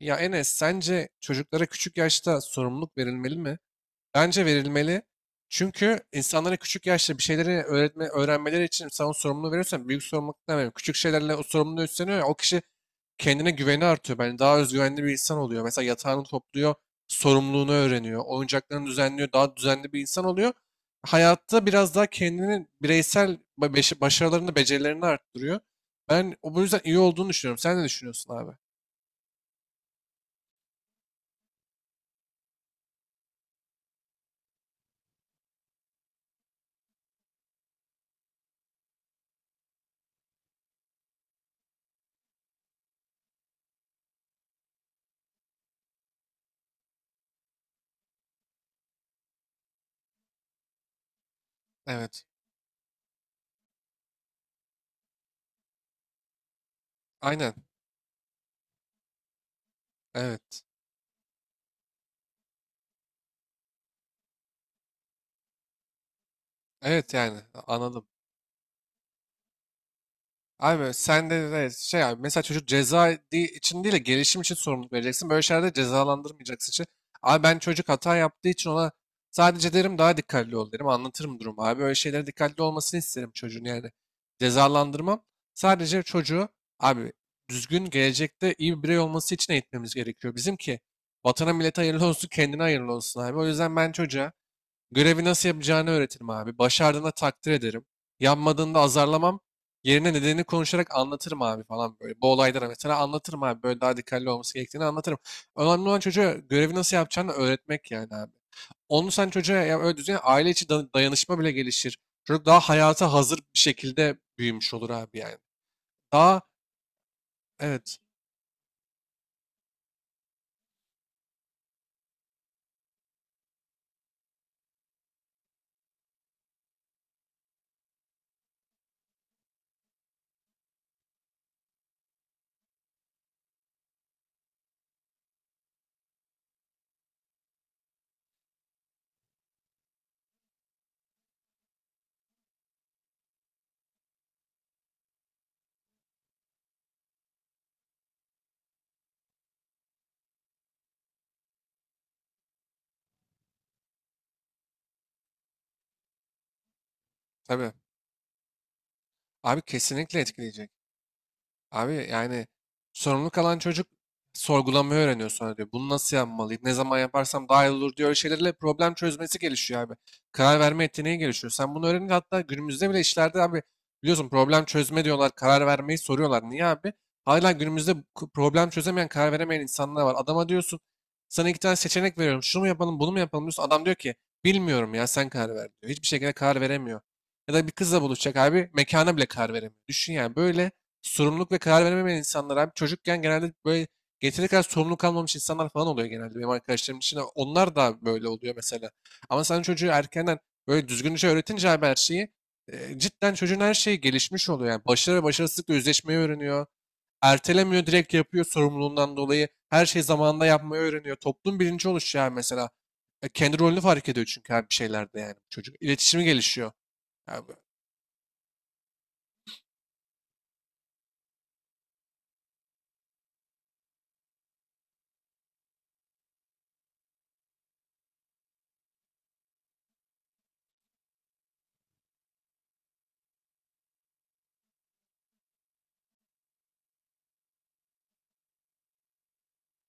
Ya Enes, sence çocuklara küçük yaşta sorumluluk verilmeli mi? Bence verilmeli. Çünkü insanlara küçük yaşta bir şeyleri öğretme, öğrenmeleri için sen o sorumluluğu veriyorsan büyük sorumluluk demem. Küçük şeylerle o sorumluluğu üstleniyor ya, o kişi kendine güveni artıyor. Yani daha özgüvenli bir insan oluyor. Mesela yatağını topluyor, sorumluluğunu öğreniyor, oyuncaklarını düzenliyor, daha düzenli bir insan oluyor. Hayatta biraz daha kendini bireysel başarılarını, becerilerini arttırıyor. Ben o bu yüzden iyi olduğunu düşünüyorum. Sen ne düşünüyorsun abi? Evet. Aynen. Evet. Evet yani anladım. Abi sen de şey abi mesela çocuk ceza için değil de gelişim için sorumluluk vereceksin. Böyle şeylerde cezalandırmayacaksın için. Abi ben çocuk hata yaptığı için ona sadece derim daha dikkatli ol derim. Anlatırım durumu abi. Böyle şeylere dikkatli olmasını isterim çocuğun yani. Cezalandırmam. Sadece çocuğu abi düzgün gelecekte iyi bir birey olması için eğitmemiz gerekiyor. Bizimki vatana millete hayırlı olsun kendine hayırlı olsun abi. O yüzden ben çocuğa görevi nasıl yapacağını öğretirim abi. Başardığında takdir ederim. Yanmadığında azarlamam. Yerine nedenini konuşarak anlatırım abi falan böyle. Bu olaylara mesela anlatırım abi. Böyle daha dikkatli olması gerektiğini anlatırım. Önemli olan çocuğa görevi nasıl yapacağını öğretmek yani abi. Onu sen çocuğa ya öyle düzgün aile içi dayanışma bile gelişir. Çocuk daha hayata hazır bir şekilde büyümüş olur abi yani. Daha evet, tabii. Abi kesinlikle etkileyecek. Abi yani sorumluluk alan çocuk sorgulamayı öğreniyor sonra diyor. Bunu nasıl yapmalıyım? Ne zaman yaparsam daha iyi olur diyor. Öyle şeylerle problem çözmesi gelişiyor abi. Karar verme yeteneği gelişiyor. Sen bunu öğrenince hatta günümüzde bile işlerde abi biliyorsun problem çözme diyorlar. Karar vermeyi soruyorlar. Niye abi? Hala günümüzde problem çözemeyen, karar veremeyen insanlar var. Adama diyorsun sana iki tane seçenek veriyorum. Şunu mu yapalım, bunu mu yapalım diyorsun. Adam diyor ki bilmiyorum ya sen karar ver diyor. Hiçbir şekilde karar veremiyor. Ya da bir kızla buluşacak abi mekana bile karar veremiyor. Düşün yani böyle sorumluluk ve karar veremeyen insanlar abi çocukken genelde böyle yeteri kadar sorumluluk almamış insanlar falan oluyor genelde benim arkadaşlarım için. Onlar da böyle oluyor mesela. Ama sen çocuğu erkenden böyle düzgünce öğretince abi her şeyi cidden çocuğun her şeyi gelişmiş oluyor. Yani başarı ve başarısızlıkla yüzleşmeyi öğreniyor. Ertelemiyor, direkt yapıyor sorumluluğundan dolayı. Her şeyi zamanında yapmayı öğreniyor. Toplum bilinci oluşuyor abi mesela. Kendi rolünü fark ediyor çünkü abi bir şeylerde yani çocuk. İletişimi gelişiyor. Abi,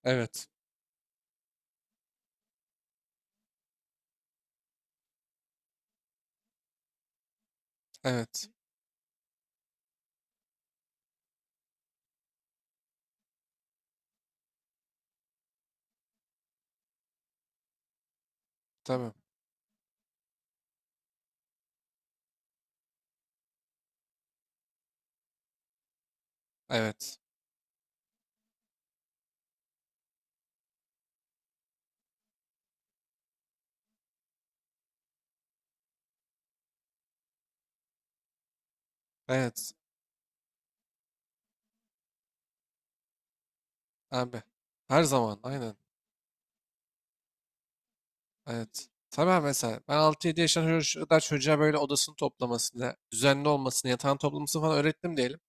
evet. Evet. Tabii. Evet. Evet. Abi. Her zaman. Aynen. Evet. Tabii mesela ben 6-7 yaşında kadar çocuğa böyle odasını toplamasını, düzenli olmasını, yatağını toplamasını falan öğrettim diyelim.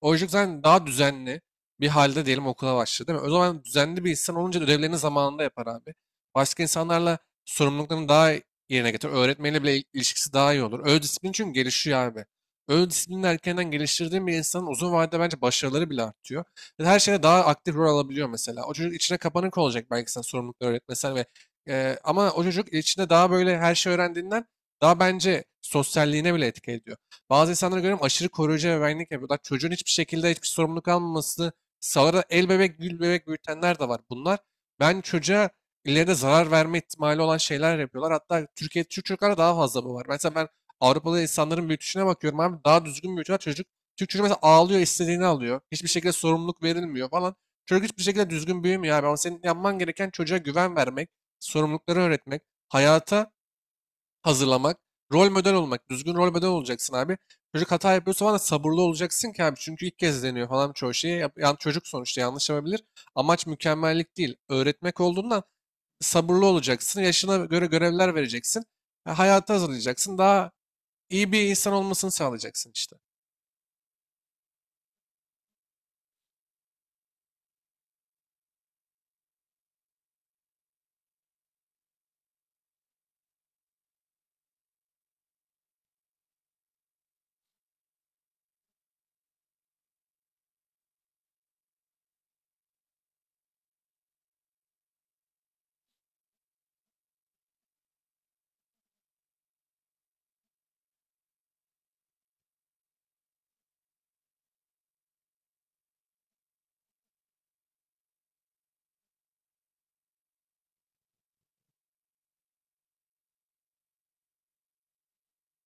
O yüzden daha düzenli bir halde diyelim okula başladı, değil mi? O zaman düzenli bir insan olunca ödevlerini zamanında yapar abi. Başka insanlarla sorumluluklarını daha yerine getirir. Öğretmenle bile ilişkisi daha iyi olur. Öz disiplin çünkü gelişiyor abi. Öz disiplini erkenden geliştirdiğin bir insanın uzun vadede bence başarıları bile artıyor. Ve her şeyde daha aktif rol alabiliyor mesela. O çocuk içine kapanık olacak belki sen sorumlulukları öğretmesen ve ama o çocuk içinde daha böyle her şey öğrendiğinden daha bence sosyalliğine bile etki ediyor. Bazı insanlara göre aşırı koruyucu ebeveynlik yapıyorlar. Çocuğun hiçbir şekilde hiçbir sorumluluk almaması sağlara el bebek gül bebek büyütenler de var. Bunlar ben çocuğa ileride zarar verme ihtimali olan şeyler yapıyorlar. Hatta Türk çocuklara daha fazla bu var. Mesela ben Avrupalı insanların büyütüşüne bakıyorum abi, daha düzgün büyütüyorlar çocuk. Türk çocuğu mesela ağlıyor, istediğini alıyor. Hiçbir şekilde sorumluluk verilmiyor falan. Çocuk hiçbir şekilde düzgün büyümüyor abi. Ama senin yapman gereken çocuğa güven vermek, sorumlulukları öğretmek, hayata hazırlamak, rol model olmak. Düzgün rol model olacaksın abi. Çocuk hata yapıyorsa falan da sabırlı olacaksın ki abi. Çünkü ilk kez deniyor falan çoğu şeyi. Yani çocuk sonuçta yanlış yapabilir. Amaç mükemmellik değil. Öğretmek olduğundan sabırlı olacaksın. Yaşına göre görevler vereceksin. Hayata hazırlayacaksın. Daha iyi bir insan olmasını sağlayacaksın işte.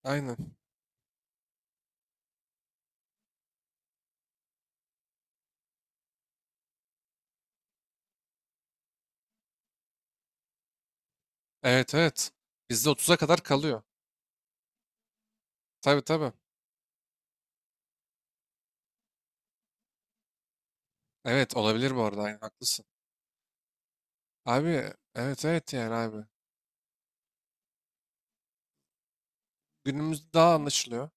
Aynen. Evet, evet. Bizde 30'a kadar kalıyor. Tabii, tabii. Evet olabilir bu arada, aynen haklısın. Abi, evet evet yani abi. Günümüzde daha anlaşılıyor.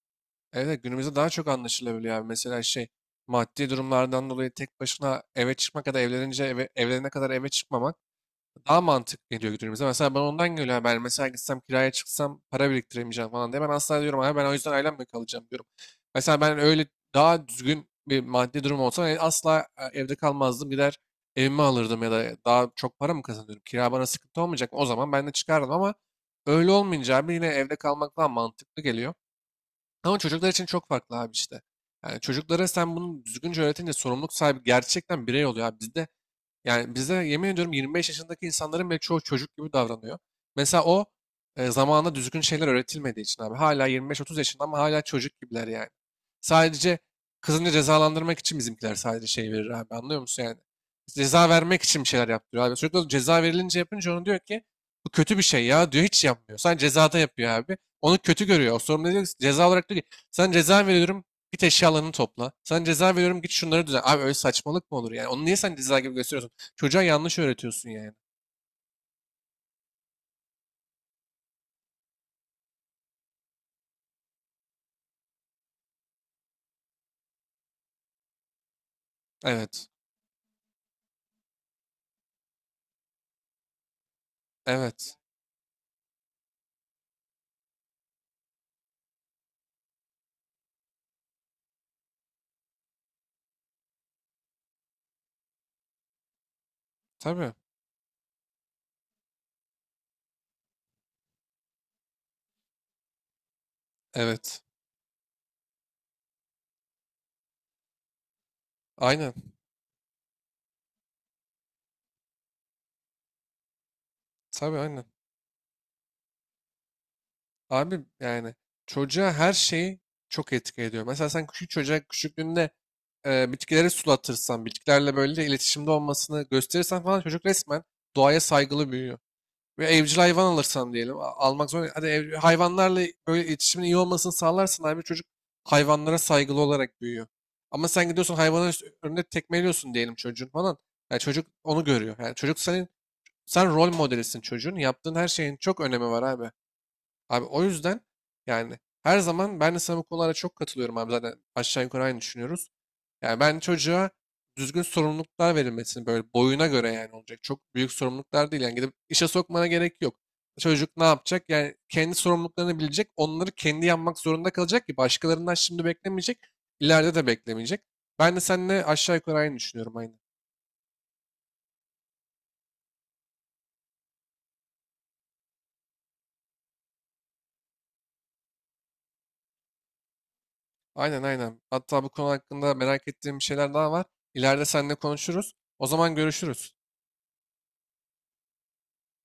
Evet evet, günümüzde daha çok anlaşılabiliyor abi. Mesela şey, maddi durumlardan dolayı tek başına eve çıkmak ya da evlenince eve, evlenene kadar eve çıkmamak daha mantıklı geliyor günümüze. Mesela ben ondan geliyor haber. Mesela gitsem, kiraya çıksam para biriktiremeyeceğim falan diye. Ben asla diyorum abi, ben o yüzden ailemle kalacağım diyorum. Mesela ben öyle daha düzgün bir maddi durum olsa, asla, evde kalmazdım. Gider evimi alırdım. Ya da daha çok para mı kazanıyorum? Kira bana sıkıntı olmayacak. O zaman ben de çıkardım. Ama öyle olmayınca abi yine evde kalmak daha mantıklı geliyor. Ama çocuklar için çok farklı abi işte. Yani çocuklara sen bunu düzgünce öğretince sorumluluk sahibi gerçekten birey oluyor abi. Bizde, yani bize yemin ediyorum, 25 yaşındaki insanların bile çoğu çocuk gibi davranıyor. Mesela o, zamanında düzgün şeyler öğretilmediği için abi. Hala 25-30 yaşında ama hala çocuk gibiler yani. Sadece kızını cezalandırmak için bizimkiler sadece şey verir abi, anlıyor musun yani? Ceza vermek için bir şeyler yaptırıyor abi. Çocuk da ceza verilince, yapınca onu, diyor ki bu kötü bir şey ya, diyor hiç yapmıyor. Sadece cezada yapıyor abi. Onu kötü görüyor. O sorumlu diyor ki, ceza olarak diyor ki sana ceza veriyorum, git eşyalarını topla. Sana ceza veriyorum, git şunları düzen. Abi öyle saçmalık mı olur yani? Onu niye sen ceza gibi gösteriyorsun? Çocuğa yanlış öğretiyorsun yani. Evet. Evet. Tabii. Evet. Aynen. Tabii, aynen. Abi yani çocuğa her şeyi çok etki ediyor. Mesela sen küçük çocuğa küçüklüğünde, bitkileri sulatırsan, bitkilerle böyle iletişimde olmasını gösterirsen falan çocuk resmen doğaya saygılı büyüyor. Ve evcil hayvan alırsan diyelim. Almak zorunda. Hadi hayvanlarla böyle iletişimin iyi olmasını sağlarsan abi çocuk hayvanlara saygılı olarak büyüyor. Ama sen gidiyorsun hayvanın önünde tekmeliyorsun diyelim çocuğun falan. Yani çocuk onu görüyor. Yani çocuk sen rol modelisin çocuğun. Yaptığın her şeyin çok önemi var abi. Abi o yüzden yani her zaman ben de sana bu konulara çok katılıyorum abi, zaten aşağı yukarı aynı düşünüyoruz. Yani ben çocuğa düzgün sorumluluklar verilmesini böyle boyuna göre yani olacak. Çok büyük sorumluluklar değil. Yani gidip işe sokmana gerek yok. Çocuk ne yapacak? Yani kendi sorumluluklarını bilecek. Onları kendi yapmak zorunda kalacak ki başkalarından şimdi beklemeyecek. İleride de beklemeyecek. Ben de seninle aşağı yukarı aynı düşünüyorum, aynen. Aynen, aynen. Hatta bu konu hakkında merak ettiğim bir şeyler daha var. İleride seninle konuşuruz. O zaman görüşürüz.